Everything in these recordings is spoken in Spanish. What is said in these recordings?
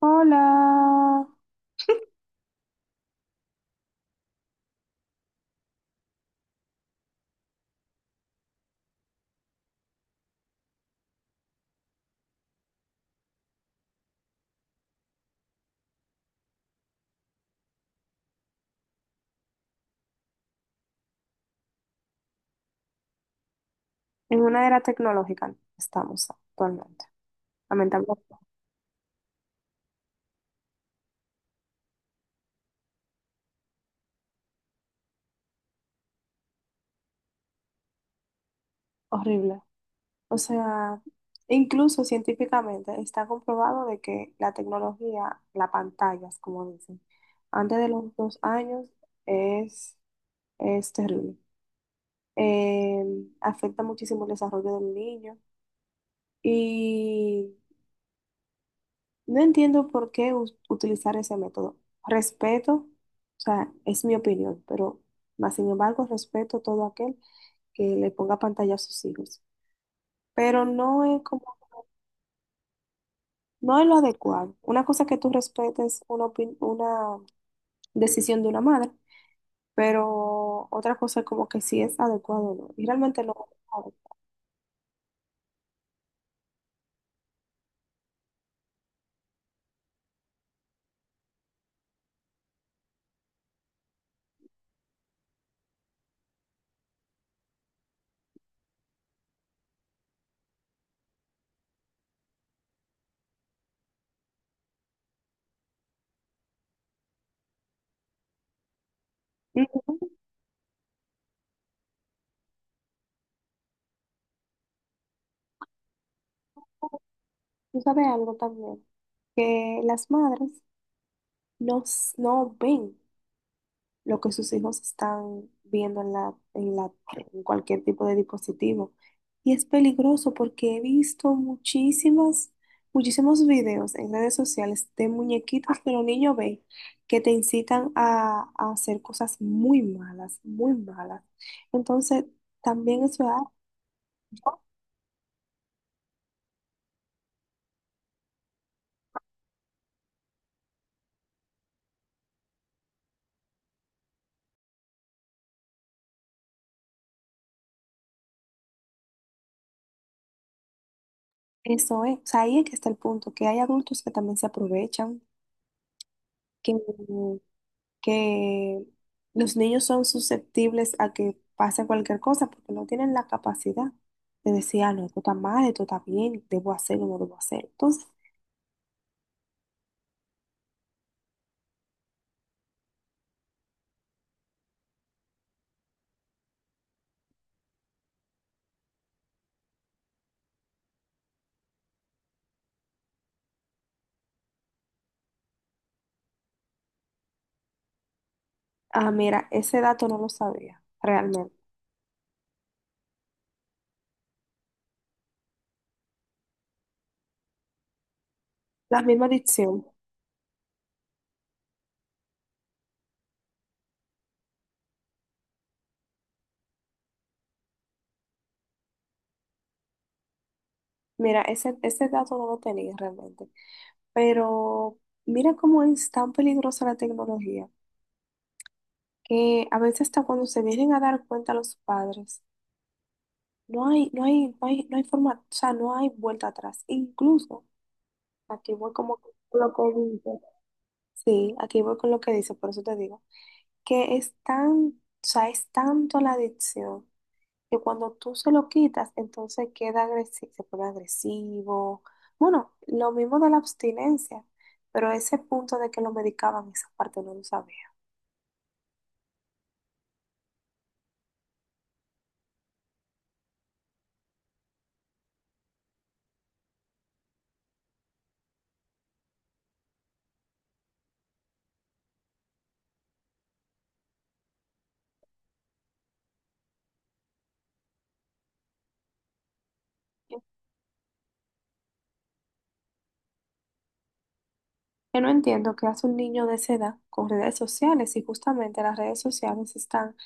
Hola. En una era tecnológica estamos actualmente. Lamentablemente, horrible. O sea, incluso científicamente está comprobado de que la tecnología, las pantallas, como dicen, antes de los 2 años es, es terrible. Eh, afecta muchísimo el desarrollo del niño y no entiendo por qué utilizar ese método. Respeto, o sea, es mi opinión, pero más sin embargo respeto todo aquel que le ponga pantalla a sus hijos. Pero no es como, no es lo adecuado. Una cosa es que tú respetes una decisión de una madre, pero otra cosa es como que si es adecuado o no. Y realmente no es adecuado. Ujú. Tú sabes algo también, que las madres no, no ven lo que sus hijos están viendo en en cualquier tipo de dispositivo. Y es peligroso porque he visto muchísimos videos en redes sociales de muñequitos que los niños ven que te incitan a hacer cosas muy malas, muy malas. Entonces, también eso es eso es, o sea, ahí es que está el punto, que hay adultos que también se aprovechan, que que los niños son susceptibles a que pase cualquier cosa porque no tienen la capacidad de decir, ah, no, esto está mal, esto está bien, debo hacerlo, no debo hacer. Entonces, ah, mira, ese dato no lo sabía realmente. La misma adicción, mira, ese dato no lo tenía realmente. Pero mira cómo es tan peligrosa la tecnología, que a veces hasta cuando se vienen a dar cuenta los padres, no hay, no hay, no hay, no hay forma, o sea, no hay vuelta atrás. Incluso aquí voy como con lo que dice. Sí, aquí voy con lo que dice, por eso te digo. Que es tan, o sea, es tanto la adicción que cuando tú se lo quitas, entonces queda agresivo, se pone agresivo. Bueno, lo mismo de la abstinencia, pero ese punto de que lo medicaban, esa parte no lo sabía. Yo no entiendo qué hace un niño de esa edad con redes sociales y justamente las redes sociales están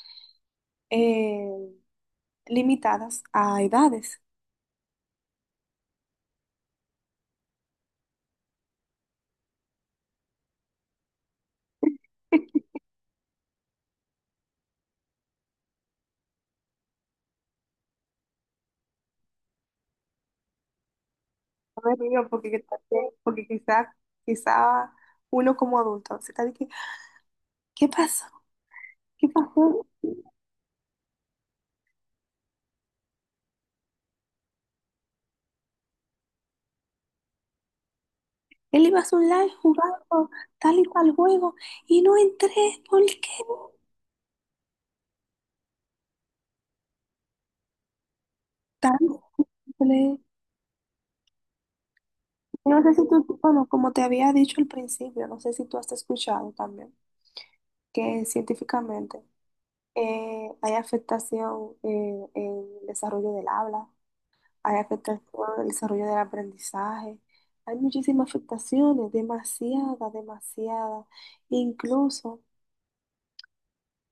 eh, limitadas a edades. No me río porque, porque quizá uno como adulto se está diciendo, ¿qué pasó? ¿Qué pasó? Él iba a su live jugando tal y cual juego y no entré. ¿Por qué? Tan simple. No sé si tú, bueno, como te había dicho al principio, no sé si tú has escuchado también que científicamente hay afectación en el desarrollo del habla. Hay afectación el desarrollo del aprendizaje. Hay muchísimas afectaciones, demasiada, demasiada. Incluso,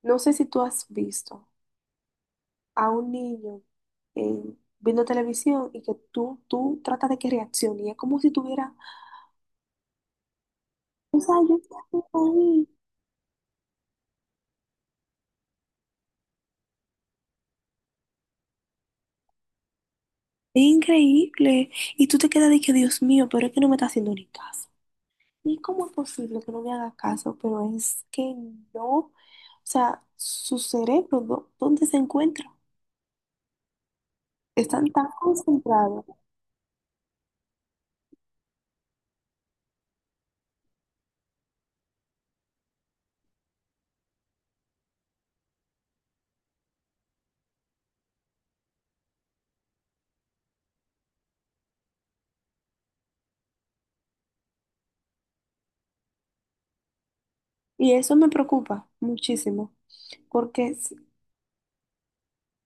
no sé si tú has visto a un niño viendo televisión y que tú tratas de que reaccione y es como si tuviera, o sea, yo estoy ahí. Es increíble. Y tú te quedas de que, Dios mío, pero es que no me está haciendo ni caso. ¿Y cómo es posible que no me haga caso? Pero es que no, o sea, su cerebro, ¿dónde se encuentra? Están tan concentrados y eso me preocupa muchísimo porque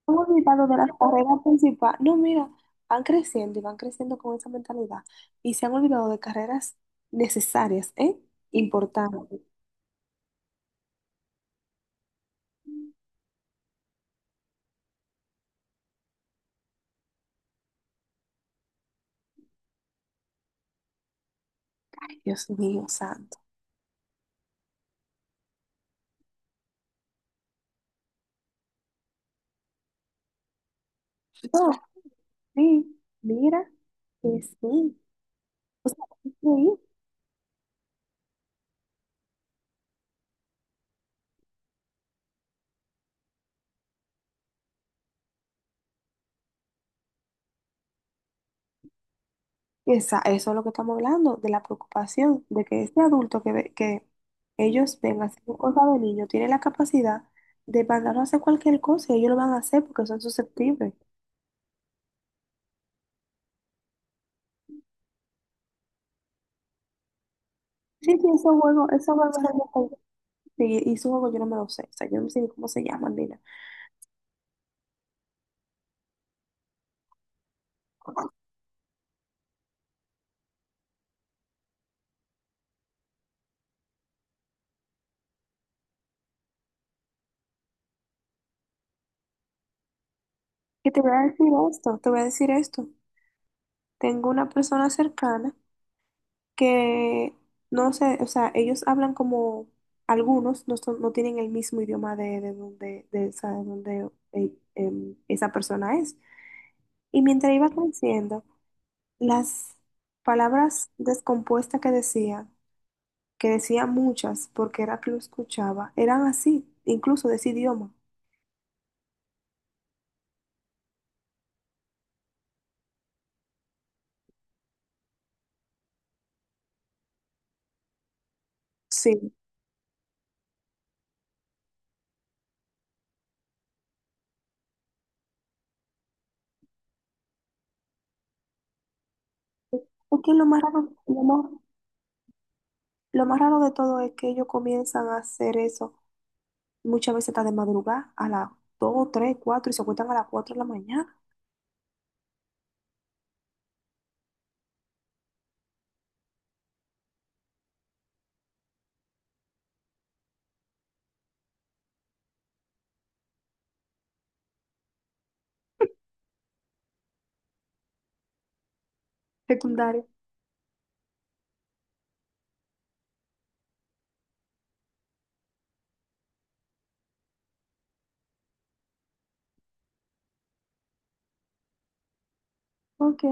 han olvidado de las carreras principales. No, mira, van creciendo y van creciendo con esa mentalidad y se han olvidado de carreras necesarias, ¿eh? Importantes. Dios mío, santo. No, sí, mira que sí. O sea, es increíble. Eso es lo que estamos hablando, de la preocupación de que este adulto que, que ellos ven haciendo cosas de niño tiene la capacidad de mandarlo a hacer cualquier cosa y ellos lo van a hacer porque son susceptibles. Sí, sí, esos juegos, son de adultos. Sí, y esos juegos yo no me los sé, o sea, yo no sé ni cómo se llaman, mira. Que te voy a decir esto, te voy a decir esto. Tengo una persona cercana que no sé, o sea, ellos hablan como algunos, no, no tienen el mismo idioma de donde, de donde esa persona es. Y mientras iba creciendo, las palabras descompuestas que decía, muchas, porque era que lo escuchaba, eran así, incluso de ese idioma. Sí. Es lo más raro, lo más raro de todo es que ellos comienzan a hacer eso muchas veces hasta de madrugada, a las 2, 3, 4 y se acuestan a las 4 de la mañana. Secundaria. Ok.